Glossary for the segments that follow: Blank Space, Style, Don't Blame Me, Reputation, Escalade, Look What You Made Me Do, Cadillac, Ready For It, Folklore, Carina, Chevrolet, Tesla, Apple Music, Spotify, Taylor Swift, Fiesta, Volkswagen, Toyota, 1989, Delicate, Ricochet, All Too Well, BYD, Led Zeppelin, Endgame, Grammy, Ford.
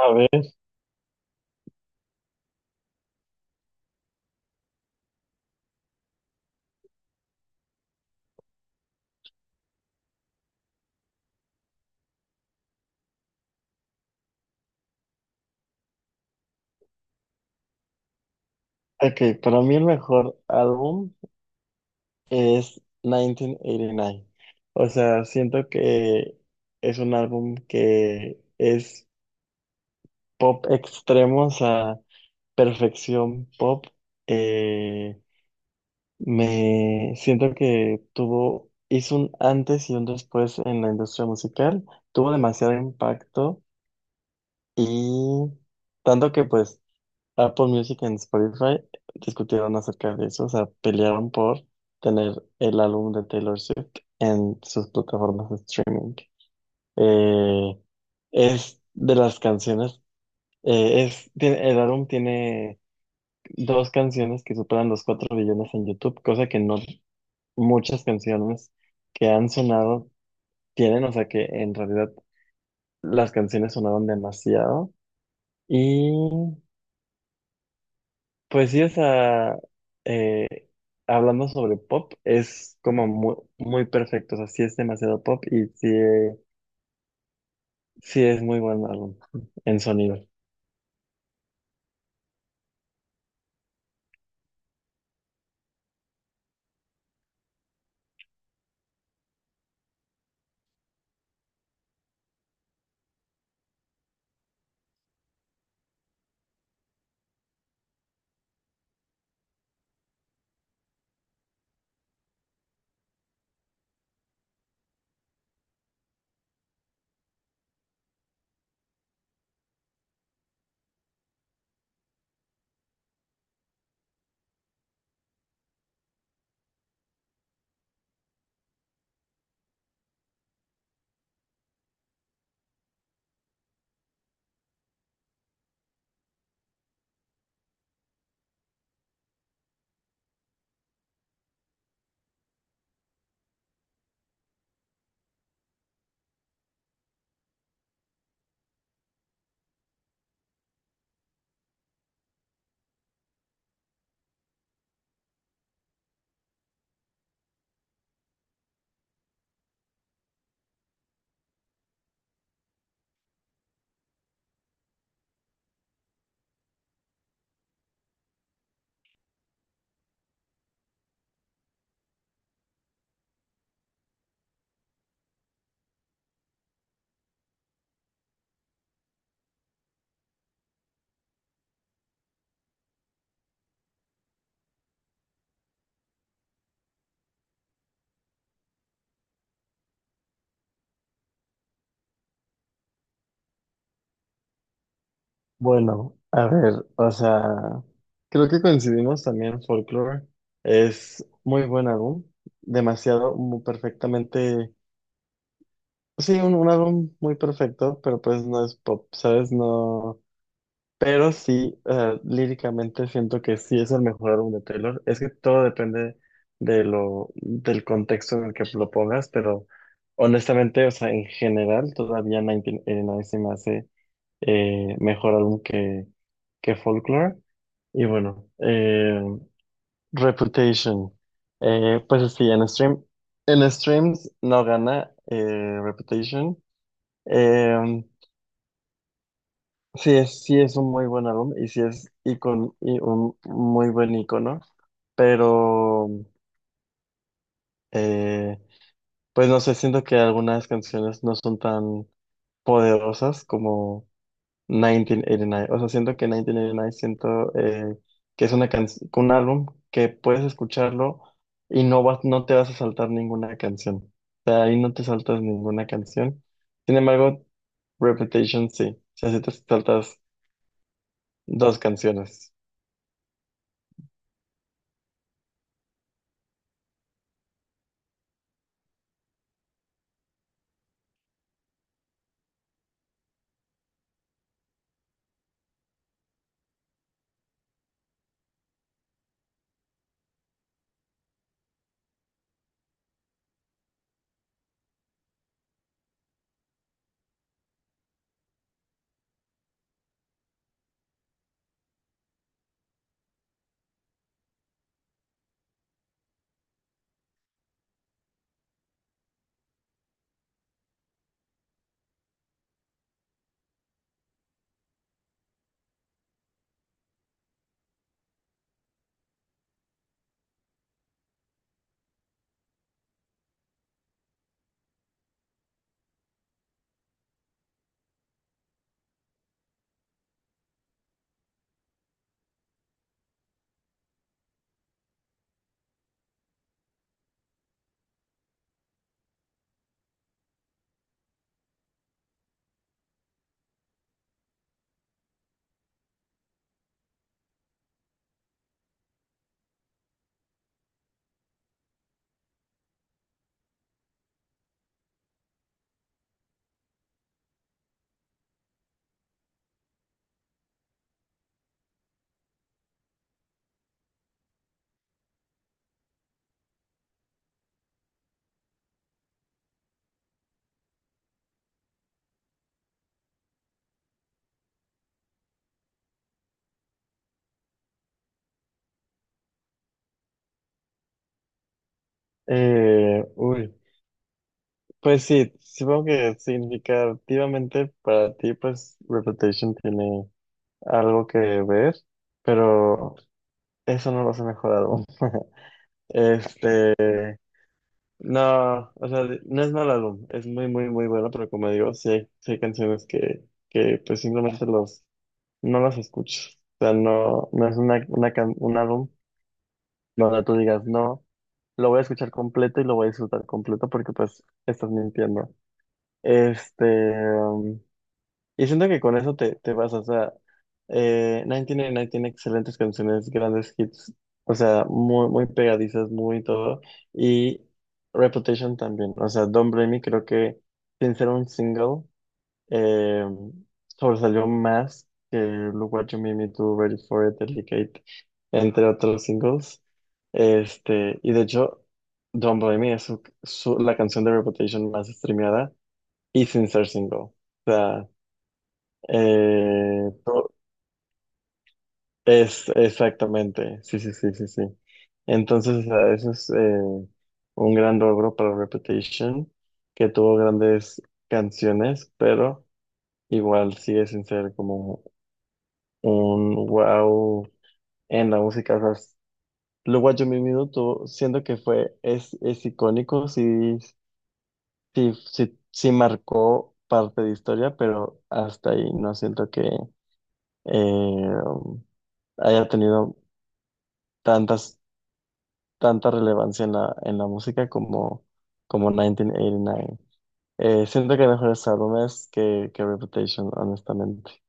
A ver, ok, para mí el mejor álbum es 1989. O sea, siento que es un álbum que es pop extremo, o sea, perfección pop. Eh, Me siento que tuvo, hizo un antes y un después en la industria musical, tuvo demasiado impacto y tanto que pues Apple Music en Spotify discutieron acerca de eso, o sea, pelearon por tener el álbum de Taylor Swift en sus plataformas de streaming. Eh, es de las canciones, es, el álbum tiene dos canciones que superan los 4 billones en YouTube, cosa que no muchas canciones que han sonado tienen, o sea que en realidad las canciones sonaron demasiado. Y pues sí, o sea, eh, hablando sobre pop, es como muy, muy perfecto, o sea, sí es demasiado pop y sí, sí es muy buen álbum en sonido. Bueno, a ver, o sea, creo que coincidimos también, Folklore es muy buen álbum, demasiado, muy perfectamente, sí, un álbum muy perfecto, pero pues no es pop, ¿sabes? No. Pero sí, líricamente siento que sí es el mejor álbum de Taylor. Es que todo depende del contexto en el que lo pongas, pero honestamente, o sea, en general, todavía 1989 se me hace mejor álbum que Folklore. Y bueno, Reputation. Pues sí, en stream, en streams no gana Reputation. Em, sí es un muy buen álbum y sí es icon, y un muy buen icono, pero eh, pues no sé, siento que algunas canciones no son tan poderosas como 1989. O sea, siento que 1989 siento que es una un álbum que puedes escucharlo y no vas, no te vas a saltar ninguna canción. O sea, ahí no te saltas ninguna canción. Sin embargo, Reputation sí. O sea, sí te saltas dos canciones. Uy, pues sí, supongo que significativamente para ti, pues Reputation tiene algo que ver, pero eso no lo hace mejor álbum. Este, no, o sea, no es mal álbum, es muy, muy, muy bueno, pero como digo, sí hay canciones que pues simplemente los, no las escuchas. O sea, no, no es un álbum donde tú digas, no, lo voy a escuchar completo y lo voy a disfrutar completo porque pues estás mintiendo. Este, um, y siento que con eso te, te vas, o sea, 1989 tiene excelentes canciones, grandes hits, o sea, muy, muy pegadizas, muy todo, y Reputation también, o sea, Don't Blame Me creo que sin ser un single, eh, sobresalió más que Look What You Made Me Do, Ready For It, Delicate, entre otros singles, este, y de hecho, Don't Blame Me es la canción de Reputation más streameada, y sin ser single. O sea, eh, to- es exactamente, sí, sí, sí, sí, sí. Entonces, o sea, eso es un gran logro para Reputation, que tuvo grandes canciones, pero igual sigue sin ser como un wow en la música. O sea, luego What You Made Me Do siento que fue, es icónico, sí, sí, sí, sí marcó parte de historia, pero hasta ahí no siento que eh, haya tenido tantas, tanta relevancia en la música como, como 1989. Siento que hay mejores álbumes que Reputation, honestamente.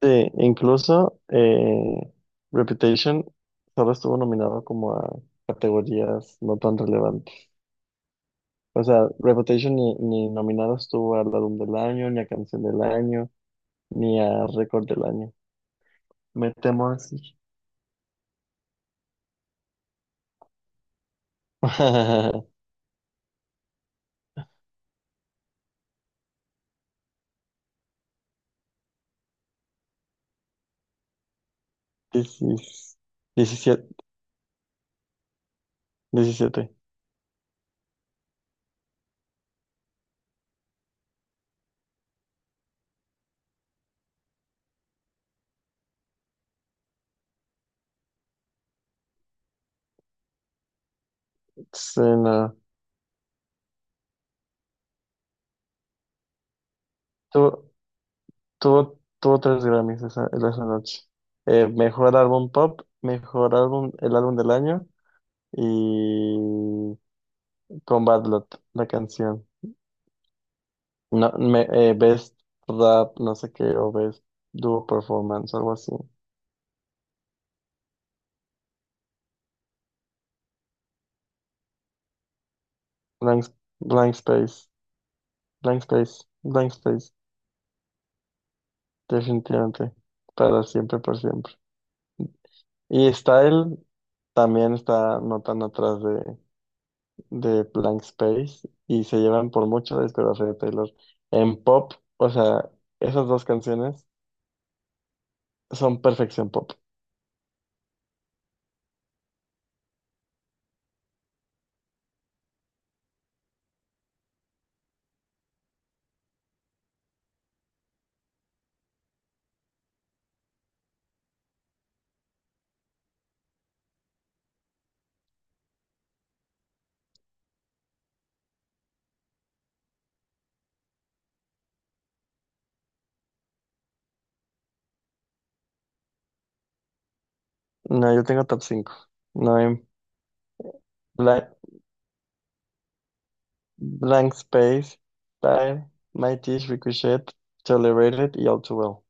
Sí, incluso Reputation solo estuvo nominado como a categorías no tan relevantes. O sea, Reputation ni, ni nominado estuvo al álbum del año, ni a canción del año, ni a récord del año. Me temo así. 17, 17. Sí, no. Tuvo, tuvo tres Grammys esa, esa noche. Mejor álbum pop, mejor álbum, el álbum del año y con Bad Lot, la canción. No, Best Rap, no sé qué, o Best Duo Performance, algo así. Blank, Blank Space, Blank Space, definitivamente. Para siempre, por siempre. Y Style también está no tan atrás de Blank Space y se llevan por mucho la discografía de Taylor. En pop, o sea, esas dos canciones son perfección pop. No, yo tengo top 5. No, en Bla- Blank Space, Time, My Teeth, Ricochet, Tolerated y All Too Well.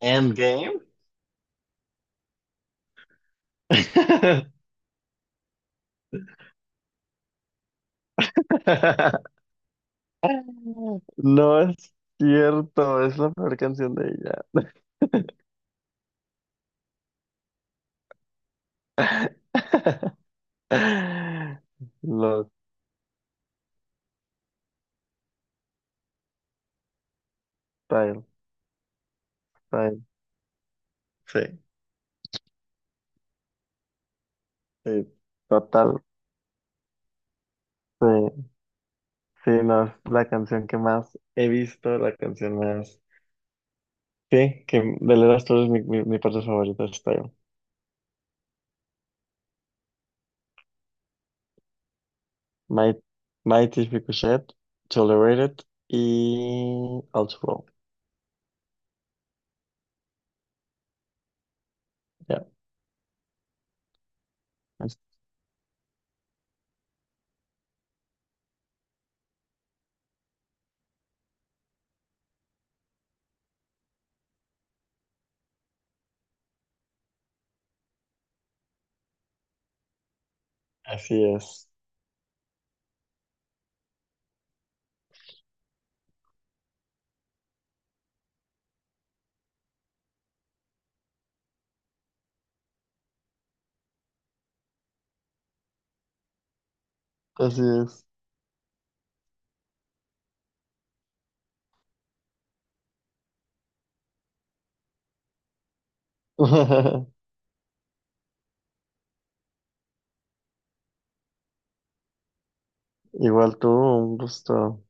Endgame. No es cierto, es la peor canción de ella. Los Time, Time, sí. Sí, total. Sí, sí, no, es la canción que más he visto, la canción más. Sí, que de Led Zeppelin es mi parte favorita, está yo. My, Mighty Ricochet, Tolerated y Outlaw. Ya, así es. Así es. Igual tú, un gusto.